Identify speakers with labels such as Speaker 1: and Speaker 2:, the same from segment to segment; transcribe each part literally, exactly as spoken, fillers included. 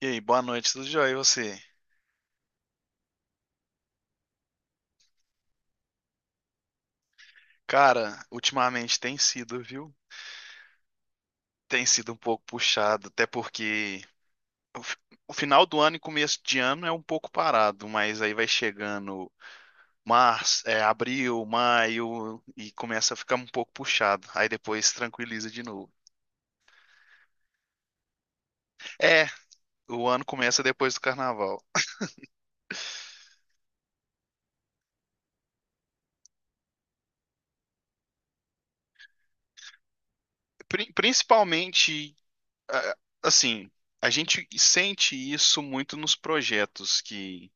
Speaker 1: E aí, boa noite, tudo jóia? E você? Cara, ultimamente tem sido, viu? Tem sido um pouco puxado, até porque o, fi- o final do ano e começo de ano é um pouco parado, mas aí vai chegando março, é, abril, maio e começa a ficar um pouco puxado. Aí depois tranquiliza de novo. É, o ano começa depois do carnaval. Pri- principalmente, ah, assim, a gente sente isso muito nos projetos que.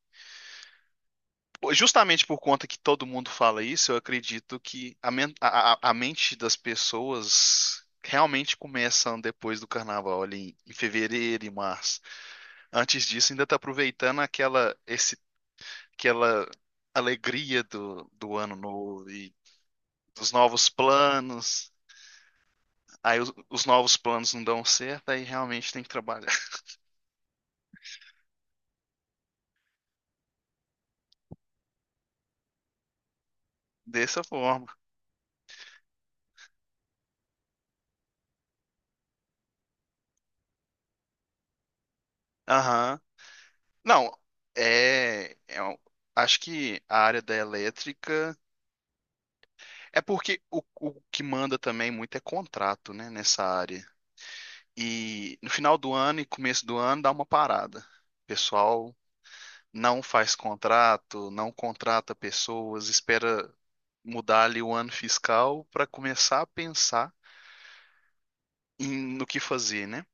Speaker 1: Justamente por conta que todo mundo fala isso, eu acredito que a, men- a- a- a mente das pessoas realmente começam depois do carnaval, ali em fevereiro e março. Antes disso, ainda está aproveitando aquela, esse, aquela alegria do, do ano novo e dos novos planos. Aí os, os novos planos não dão certo, aí realmente tem que trabalhar dessa forma. Aham. Não, é, é um- acho que a área da elétrica. É porque o, o que manda também muito é contrato, né, nessa área. E no final do ano e começo do ano dá uma parada. O pessoal não faz contrato, não contrata pessoas, espera mudar ali o ano fiscal para começar a pensar em, no que fazer, né?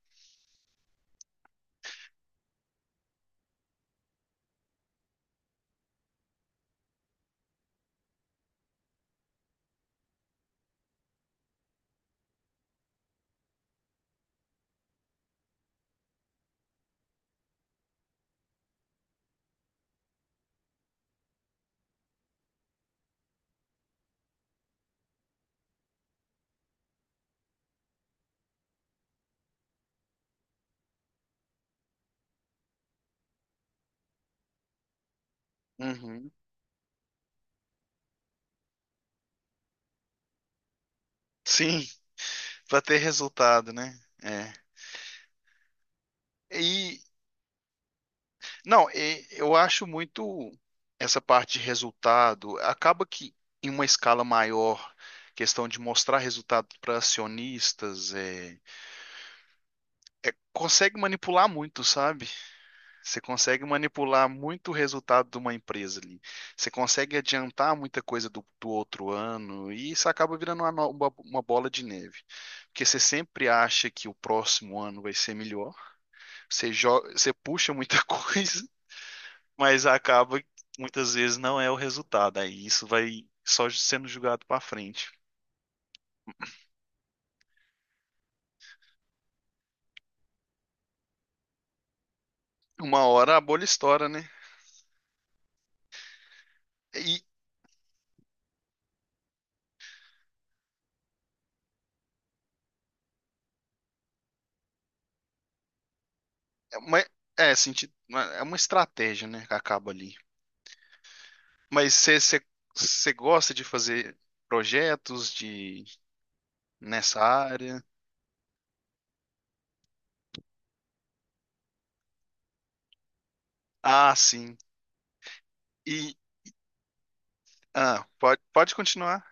Speaker 1: Uhum. Sim, para ter resultado, né? É. E Não, e- eu acho muito essa parte de resultado. Acaba que em uma escala maior, questão de mostrar resultado para acionistas, é, consegue manipular muito, sabe? Você consegue manipular muito o resultado de uma empresa ali. Você consegue adiantar muita coisa do, do outro ano e isso acaba virando uma, no- uma uma bola de neve. Porque você sempre acha que o próximo ano vai ser melhor. Você, jo- você puxa muita coisa, mas acaba que muitas vezes não é o resultado. Aí isso vai só sendo julgado para frente. Uma hora a bolha estoura, né? E mas- é, senti- é uma estratégia, né, que acaba ali. Mas você você- você gosta de fazer projetos de nessa área? Ah, sim. E ah, Pode, pode continuar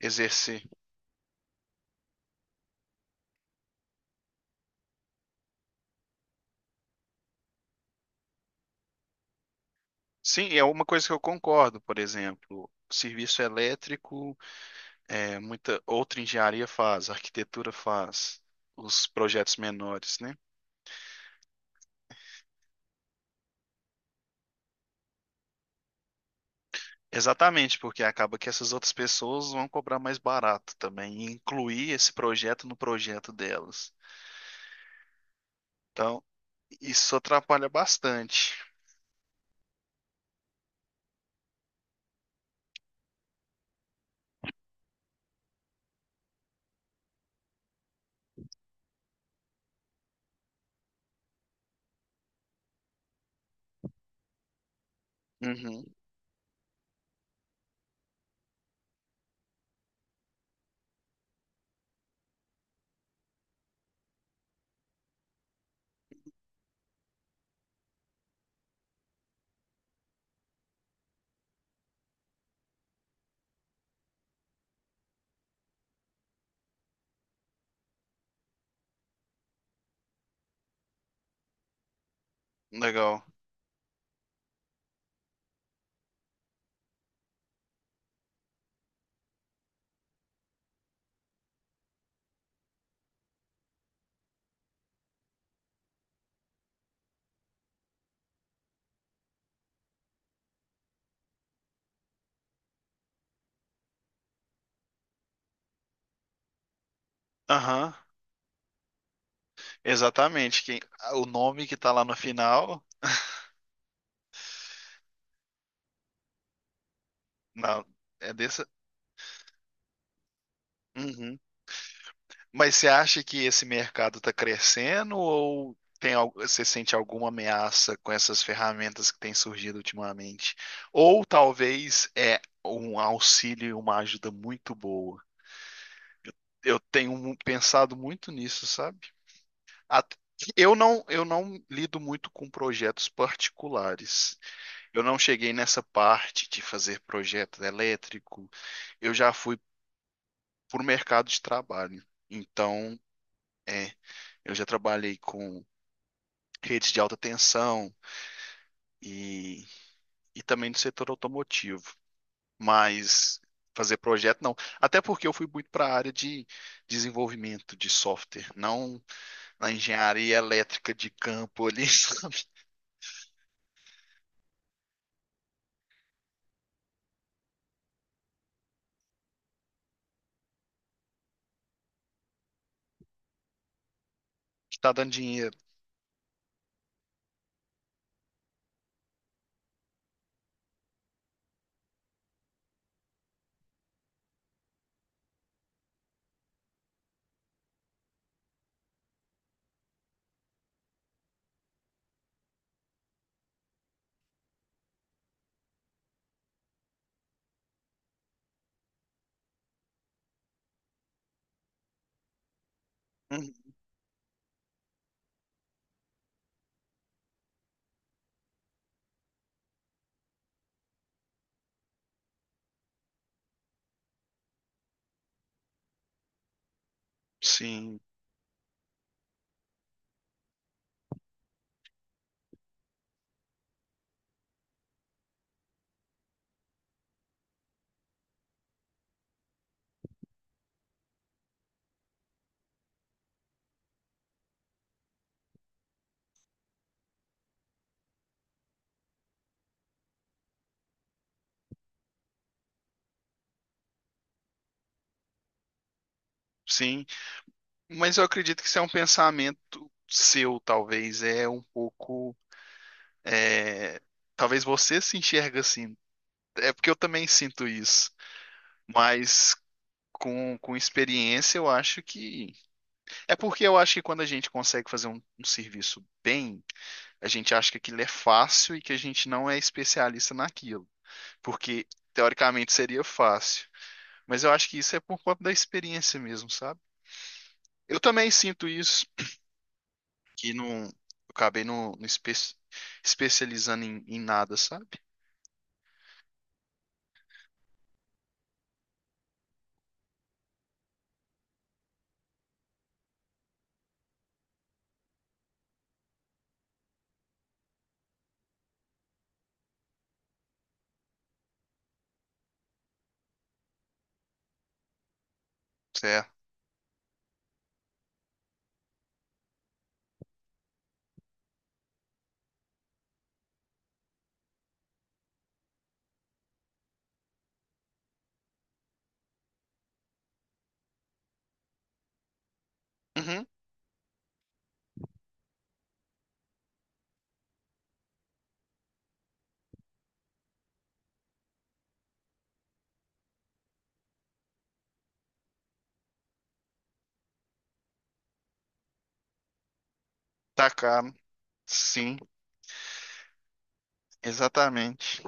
Speaker 1: exercer. Sim, é uma coisa que eu concordo, por exemplo, serviço elétrico. É, muita outra engenharia faz, arquitetura faz, os projetos menores, né? Exatamente, porque acaba que essas outras pessoas vão cobrar mais barato também, e incluir esse projeto no projeto delas. Então, isso atrapalha bastante. Uhum, legal. Aham, exatamente. Quem, o nome que tá lá no final, na, é dessa. Uhum. Mas você acha que esse mercado está crescendo ou tem, al- você sente alguma ameaça com essas ferramentas que têm surgido ultimamente? Ou talvez é um auxílio e uma ajuda muito boa. Eu tenho mu- pensado muito nisso, sabe? At- Eu não, eu não lido muito com projetos particulares. Eu não cheguei nessa parte de fazer projeto elétrico. Eu já fui para o mercado de trabalho. Então, é, eu já trabalhei com redes de alta tensão e, e também do setor automotivo. Mas fazer projeto, não. Até porque eu fui muito para a área de desenvolvimento de software, não na engenharia elétrica de campo ali, sabe? Que tá dando dinheiro. Uhum. Sim, sim. Mas eu acredito que isso é um pensamento seu, talvez. É um pouco. é, Talvez você se enxerga assim. É porque eu também sinto isso. Mas com, com experiência, eu acho que. É porque eu acho que quando a gente consegue fazer um, um serviço bem, a gente acha que aquilo é fácil e que a gente não é especialista naquilo. Porque, teoricamente, seria fácil. Mas eu acho que isso é por conta da experiência mesmo, sabe? Eu também sinto isso, que não, eu acabei não não espe- especializando em, em nada, sabe? Certo. Uhum. Tá caro. Sim, exatamente.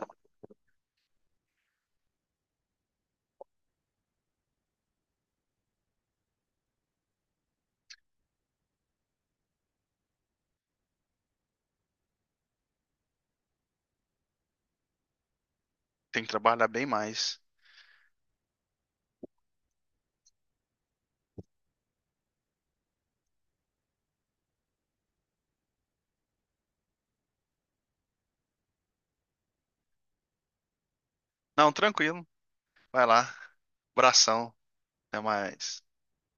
Speaker 1: Tem que trabalhar bem mais. Não, tranquilo. Vai lá. Abração. Até mais.